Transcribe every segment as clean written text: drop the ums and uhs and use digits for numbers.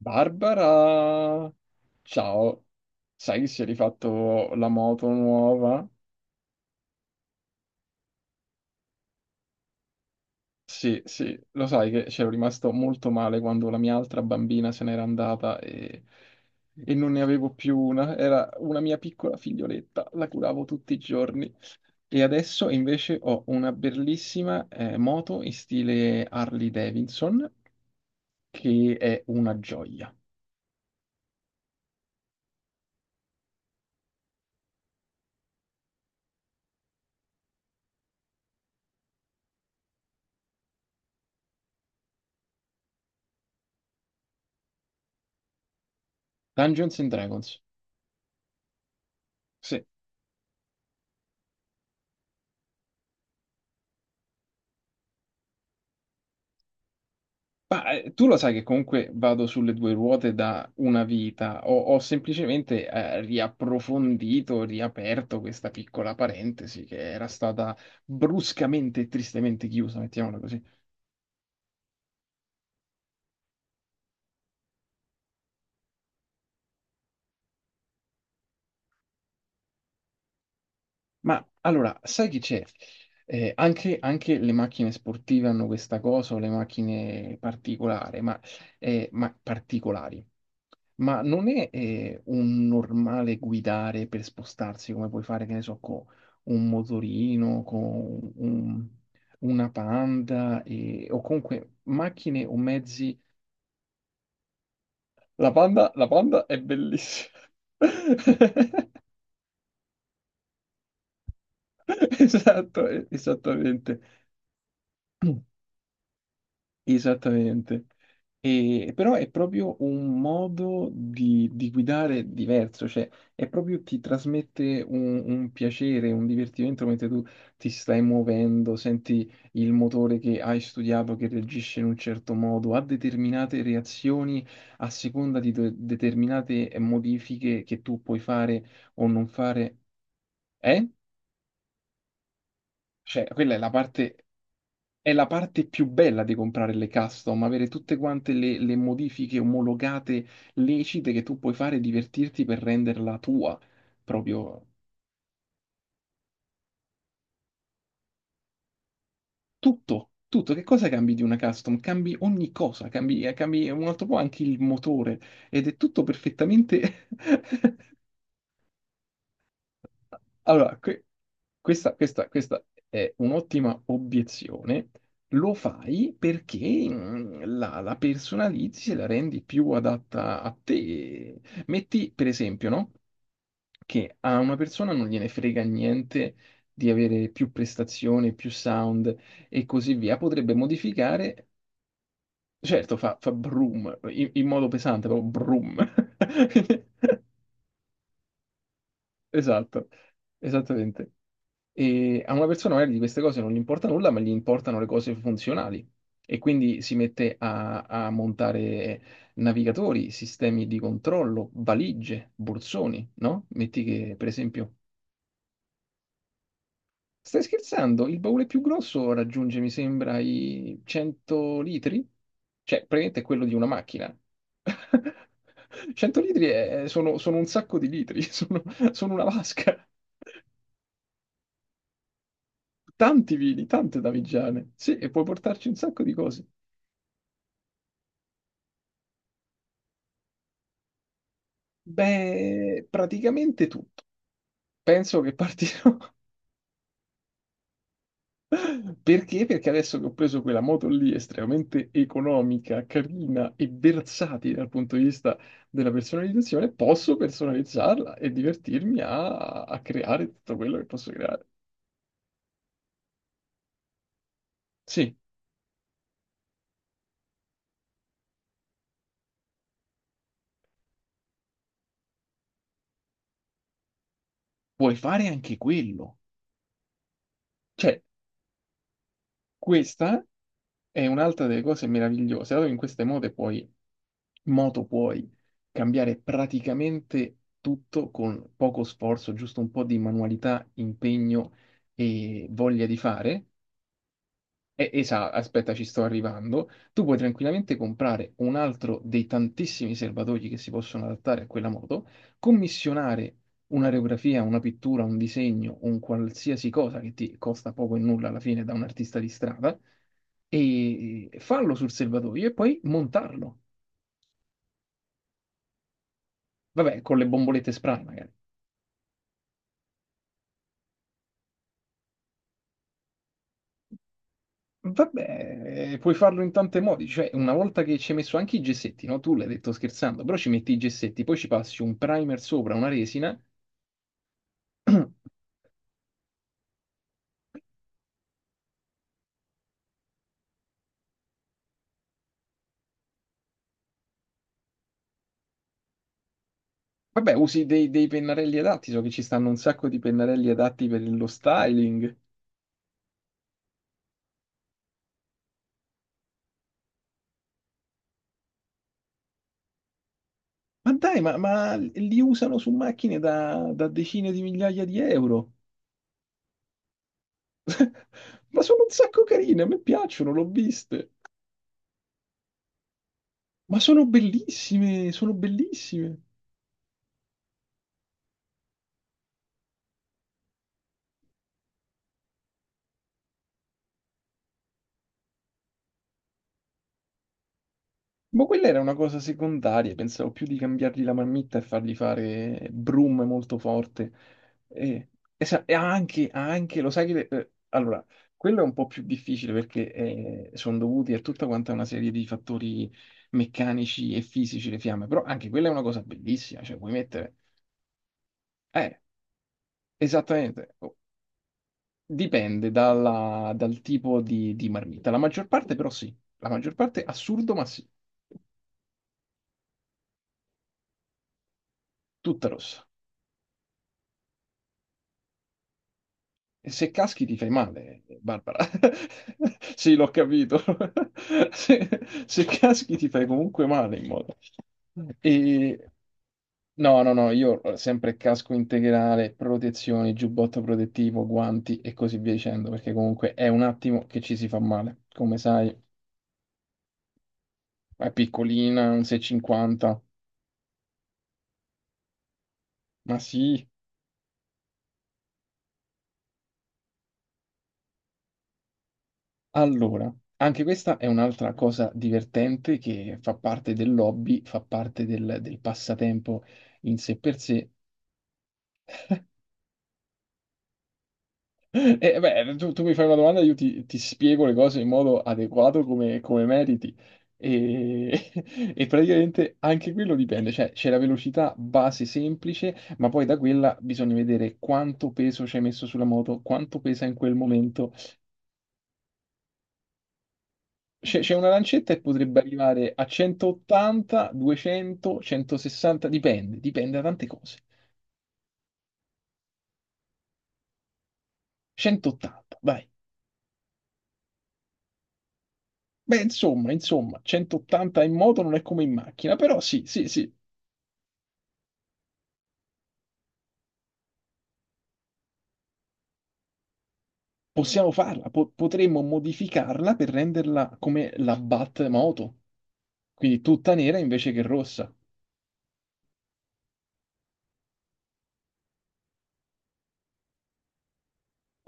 Barbara, ciao, sai che si è rifatto la moto nuova? Sì, sì, lo sai che c'ero rimasto molto male quando la mia altra bambina se n'era andata e non ne avevo più una, era una mia piccola figlioletta, la curavo tutti i giorni. E adesso invece ho una bellissima moto in stile Harley Davidson che è una gioia. Dungeons and Dragons. Sì, ma tu lo sai che comunque vado sulle due ruote da una vita, ho semplicemente riapprofondito, riaperto questa piccola parentesi che era stata bruscamente e tristemente chiusa, mettiamola così. Ma allora, sai che c'è? Anche le macchine sportive hanno questa cosa, o le macchine particolari, ma particolari. Ma non è un normale guidare per spostarsi come puoi fare, che ne so, con un motorino, con un- una Panda o comunque macchine o mezzi. La Panda è bellissima. Esatto, esattamente. Esattamente. Però è proprio un modo di guidare diverso, cioè è proprio ti trasmette un piacere, un divertimento mentre tu ti stai muovendo, senti il motore che hai studiato che reagisce in un certo modo, ha determinate reazioni a seconda di determinate modifiche che tu puoi fare o non fare. Eh? Cioè, quella è la parte È la parte più bella di comprare le custom, avere tutte quante le modifiche omologate, lecite che tu puoi fare e divertirti per renderla tua. Proprio tutto, tutto. Che cosa cambi di una custom? Cambi ogni cosa, cambi un altro po' anche il motore ed è tutto perfettamente. Allora, questa è un'ottima obiezione. Lo fai perché la personalizzi e la rendi più adatta a te. Metti, per esempio, no? Che a una persona non gliene frega niente di avere più prestazioni, più sound e così via. Potrebbe modificare, certo, fa brum in modo pesante, proprio brum. Esatto, esattamente. E a una persona magari di queste cose non gli importa nulla, ma gli importano le cose funzionali. E quindi si mette a montare navigatori, sistemi di controllo, valigie, borsoni, no? Metti che, per esempio, stai scherzando? Il baule più grosso raggiunge, mi sembra, i 100 litri? Cioè, praticamente è quello di una macchina. 100 litri sono un sacco di litri, sono una vasca. Tanti vini, tante davigiane. Sì, e puoi portarci un sacco di cose. Beh, praticamente tutto. Penso che partirò. Perché? Perché adesso che ho preso quella moto lì, estremamente economica, carina e versatile dal punto di vista della personalizzazione, posso personalizzarla e divertirmi a creare tutto quello che posso creare. Sì, puoi fare anche quello. Cioè, questa è un'altra delle cose meravigliose, dato che in queste moto puoi cambiare praticamente tutto con poco sforzo, giusto un po' di manualità, impegno e voglia di fare. Aspetta, ci sto arrivando. Tu puoi tranquillamente comprare un altro dei tantissimi serbatoi che si possono adattare a quella moto, commissionare un'aerografia, una pittura, un disegno, un qualsiasi cosa che ti costa poco e nulla alla fine da un artista di strada, e farlo sul serbatoio e poi montarlo. Vabbè, con le bombolette spray magari. Vabbè, puoi farlo in tanti modi, cioè una volta che ci hai messo anche i gessetti, no? Tu l'hai detto scherzando, però ci metti i gessetti, poi ci passi un primer sopra, una resina. Vabbè, usi dei pennarelli adatti, so che ci stanno un sacco di pennarelli adatti per lo styling. Ma dai, ma li usano su macchine da decine di migliaia di euro. Ma sono un sacco carine, a me piacciono, l'ho viste. Ma sono bellissime, sono bellissime. Ma quella era una cosa secondaria, pensavo più di cambiargli la marmitta e fargli fare brum molto forte. E, e lo sai che. Allora, quello è un po' più difficile perché sono dovuti a tutta quanta una serie di fattori meccanici e fisici le fiamme, però anche quella è una cosa bellissima, cioè puoi mettere. Eh, esattamente, oh, dipende dal tipo di marmitta. La maggior parte però sì, la maggior parte assurdo ma sì, tutta rossa. E se caschi ti fai male, Barbara. Sì, l'ho capito. Se, se caschi ti fai comunque male in modo. E no, no, no, io sempre casco integrale, protezioni, giubbotto protettivo, guanti e così via dicendo, perché comunque è un attimo che ci si fa male. Come sai, è piccolina, un 6,50. Ma sì, allora, anche questa è un'altra cosa divertente che fa parte dell'hobby, fa parte del passatempo in sé per sé. E beh, tu mi fai una domanda, io ti spiego le cose in modo adeguato come meriti. E, e praticamente anche quello dipende, cioè c'è la velocità base semplice, ma poi da quella bisogna vedere quanto peso ci hai messo sulla moto, quanto pesa in quel momento. C'è una lancetta e potrebbe arrivare a 180, 200, 160, dipende da tante cose. 180, vai. Beh, insomma, 180 in moto non è come in macchina, però sì, sì, sì, possiamo farla, potremmo modificarla per renderla come la Bat moto, quindi tutta nera invece che rossa.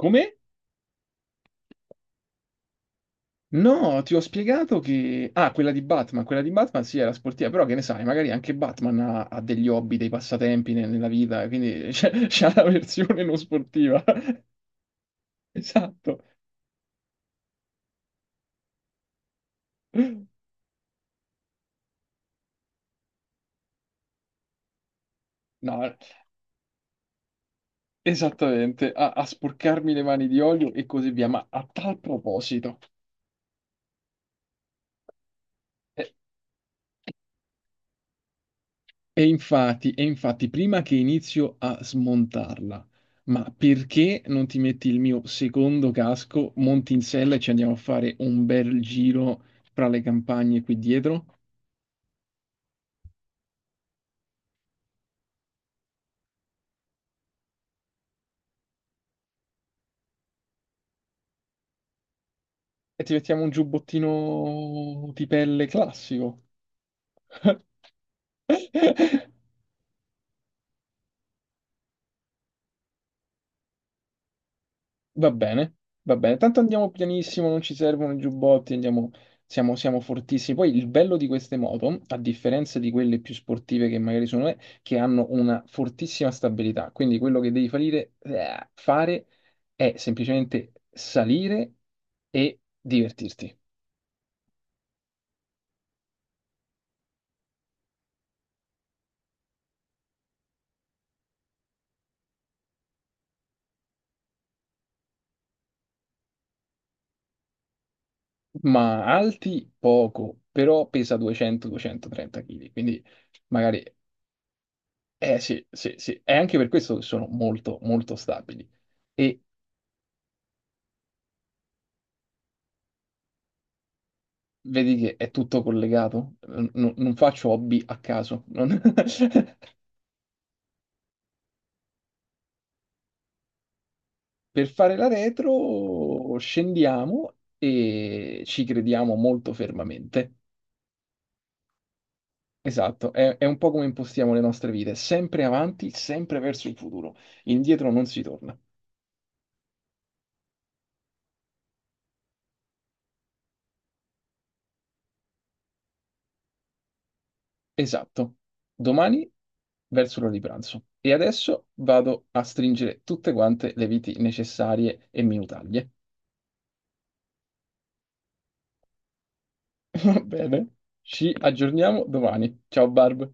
Come? No, ti ho spiegato che. Ah, quella di Batman sì, era sportiva, però che ne sai, magari anche Batman ha degli hobby, dei passatempi nella vita, quindi c'è la versione non sportiva. Esatto. No, esattamente, a sporcarmi le mani di olio e così via. Ma a tal proposito. Eh, E infatti, e infatti, prima che inizio a smontarla, ma perché non ti metti il mio secondo casco, monti in sella e ci andiamo a fare un bel giro fra le campagne qui dietro? E ti mettiamo un giubbottino di pelle classico. Va bene, va bene. Tanto andiamo pianissimo, non ci servono i giubbotti, andiamo, siamo fortissimi. Poi il bello di queste moto, a differenza di quelle più sportive che magari sono, è che hanno una fortissima stabilità. Quindi quello che devi fare è semplicemente salire e divertirti. Ma alti poco, però pesa 200-230 kg. Quindi magari, eh sì, sì, sì. È anche per questo che sono molto, molto stabili. E vedi che è tutto collegato, non faccio hobby a caso. Per fare la retro scendiamo e ci crediamo molto fermamente. Esatto, è un po' come impostiamo le nostre vite, sempre avanti, sempre verso il futuro, indietro non si torna. Esatto, domani verso l'ora di pranzo. E adesso vado a stringere tutte quante le viti necessarie e minutaglie. Va bene, ci aggiorniamo domani. Ciao Barb.